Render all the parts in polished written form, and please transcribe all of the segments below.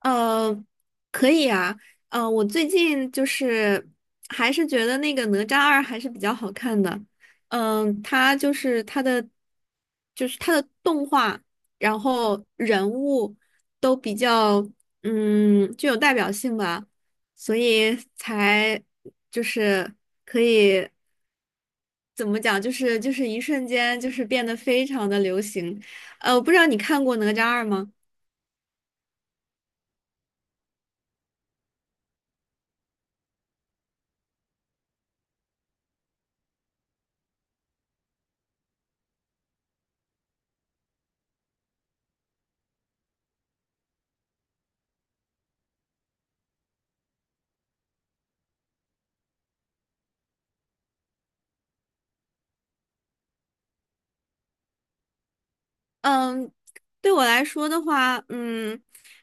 呃，可以啊。我最近就是还是觉得那个哪吒二还是比较好看的。嗯、它就是它的就是它的动画，然后人物都比较具有代表性吧，所以才就是可以怎么讲，就是一瞬间就是变得非常的流行。我不知道你看过哪吒二吗？嗯，对我来说的话，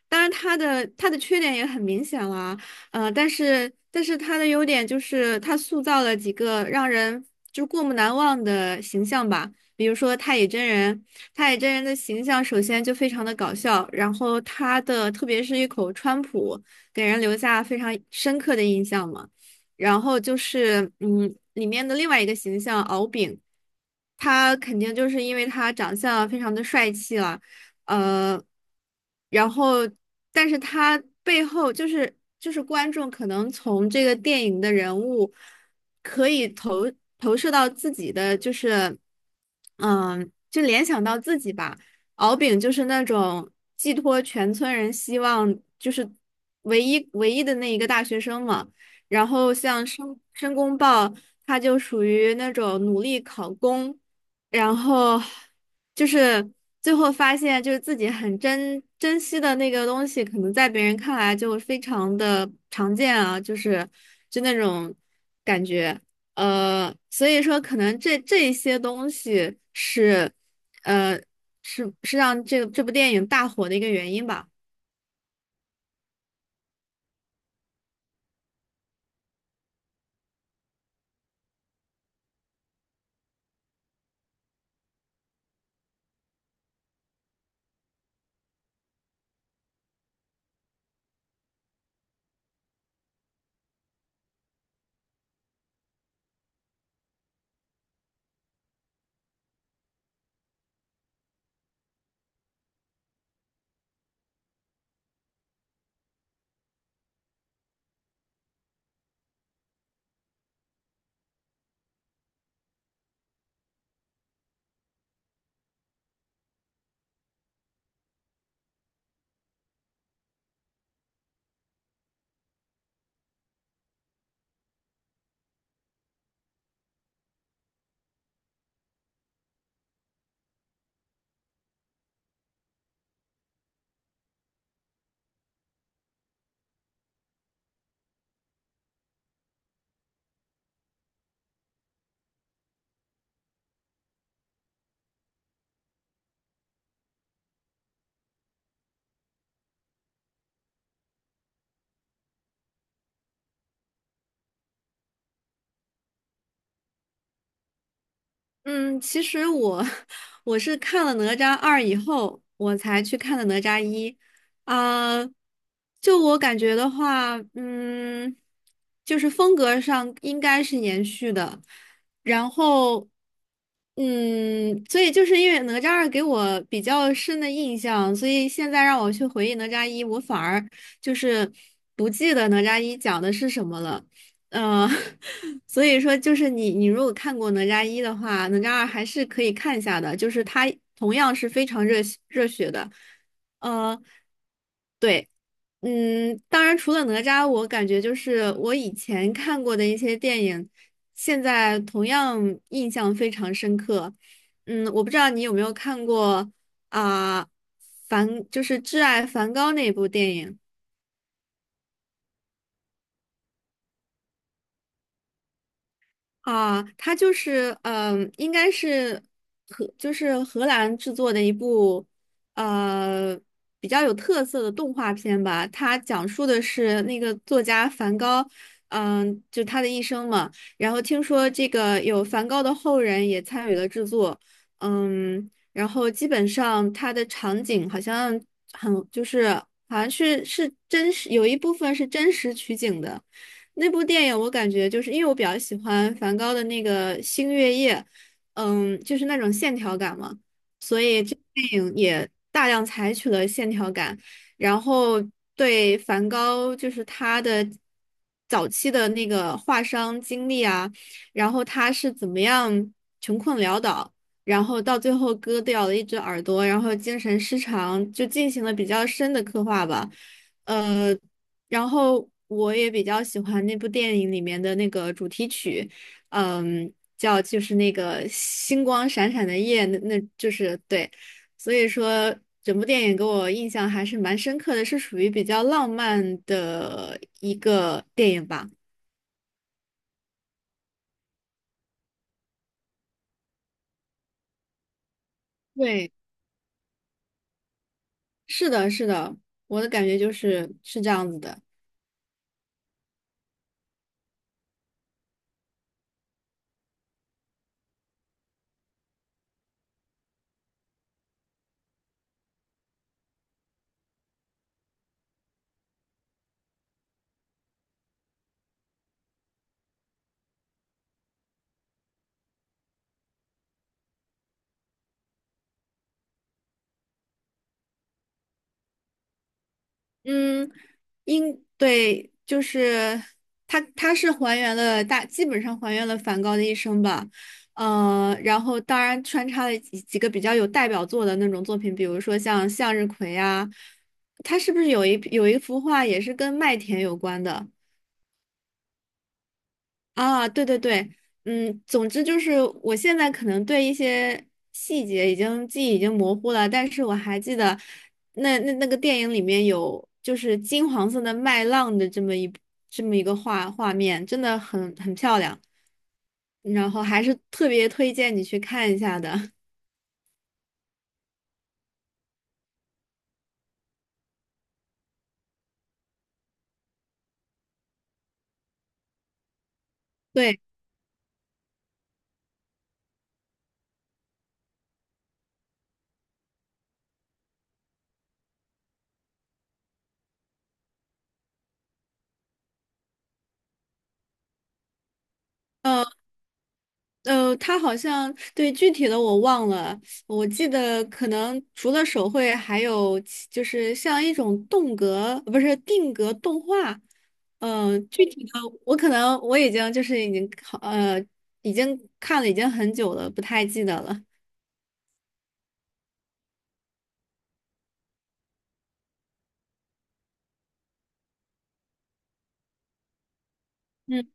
当然他的缺点也很明显了。但是他的优点就是他塑造了几个让人就过目难忘的形象吧，比如说太乙真人。太乙真人的形象首先就非常的搞笑，然后他的特别是一口川普，给人留下非常深刻的印象嘛。然后就是里面的另外一个形象敖丙，他肯定就是因为他长相非常的帅气了。呃，然后但是他背后就是观众可能从这个电影的人物可以投射到自己的就是就联想到自己吧。敖丙就是那种寄托全村人希望，就是唯一的那一个大学生嘛。然后像申公豹，他就属于那种努力考公，然后就是最后发现，就是自己很珍惜的那个东西，可能在别人看来就非常的常见啊，就那种感觉。所以说可能这一些东西是，呃，是让这部电影大火的一个原因吧。嗯，其实我 我是看了《哪吒二》以后，我才去看的《哪吒一》。啊、就我感觉的话，就是风格上应该是延续的。然后，所以就是因为《哪吒二》给我比较深的印象，所以现在让我去回忆《哪吒一》，我反而就是不记得《哪吒一》讲的是什么了。嗯，所以说就是你如果看过《哪吒一》的话，《哪吒二》还是可以看一下的，就是它同样是非常热血的。呃，对，当然除了哪吒，我感觉就是我以前看过的一些电影，现在同样印象非常深刻。我不知道你有没有看过啊，就是《挚爱梵高》那部电影。啊，它就是应该是就是荷兰制作的一部呃比较有特色的动画片吧。它讲述的是那个作家梵高，就他的一生嘛。然后听说这个有梵高的后人也参与了制作，然后基本上它的场景好像很就是好像是真实，有一部分是真实取景的。那部电影我感觉就是因为我比较喜欢梵高的那个《星月夜》，就是那种线条感嘛，所以这部电影也大量采取了线条感，然后对梵高就是他的早期的那个画商经历啊，然后他是怎么样穷困潦倒，然后到最后割掉了一只耳朵，然后精神失常，就进行了比较深的刻画吧。呃。然后我也比较喜欢那部电影里面的那个主题曲，嗯，叫就是那个星光闪闪的夜，那就是对，所以说整部电影给我印象还是蛮深刻的，是属于比较浪漫的一个电影吧。对，是的，是的，我的感觉就是是这样子的。嗯，应对就是它是还原了基本上还原了梵高的一生吧。然后当然穿插了几个比较有代表作的那种作品，比如说像向日葵啊，它是不是有一幅画也是跟麦田有关的？啊，对对对，总之就是我现在可能对一些细节已经记忆已经模糊了，但是我还记得那个电影里面有就是金黄色的麦浪的这么一个画面，真的很漂亮，然后还是特别推荐你去看一下的。对。嗯。他好像对具体的我忘了，我记得可能除了手绘，还有就是像一种动格，不是定格动画，具体的我可能我呃已经看了已经很久了，不太记得了。嗯，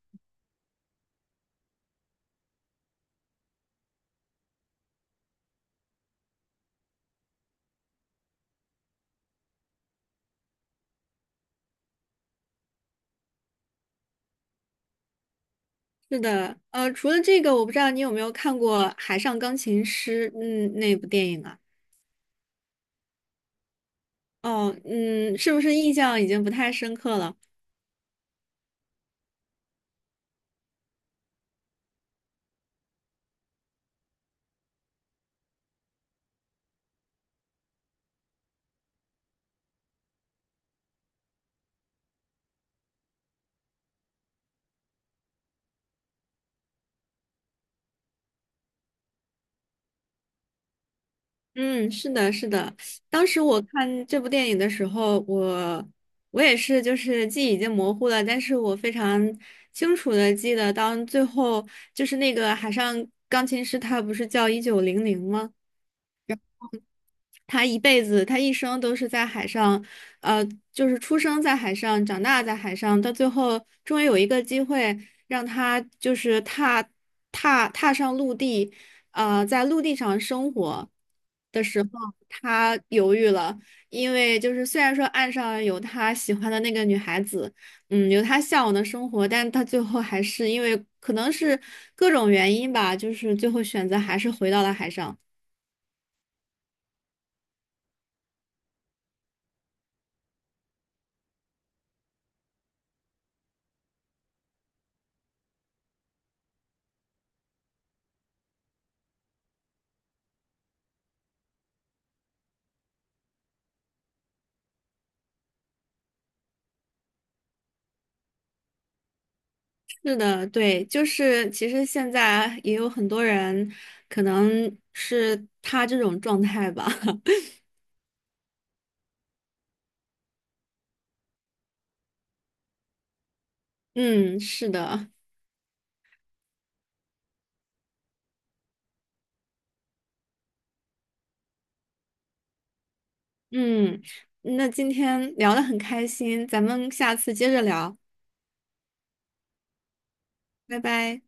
是的，除了这个，我不知道你有没有看过《海上钢琴师》那部电影啊？哦，是不是印象已经不太深刻了？嗯，是的，是的。当时我看这部电影的时候，我也是，就是记忆已经模糊了，但是我非常清楚的记得，当最后就是那个海上钢琴师，他不是叫1900吗？他一辈子，他一生都是在海上，呃，就是出生在海上，长大在海上，到最后终于有一个机会让他就是踏上陆地，在陆地上生活的时候，他犹豫了，因为就是虽然说岸上有他喜欢的那个女孩子，有他向往的生活，但他最后还是因为可能是各种原因吧，就是最后选择还是回到了海上。是的，对，就是其实现在也有很多人，可能是他这种状态吧。嗯，是的，嗯，那今天聊得很开心，咱们下次接着聊，拜拜。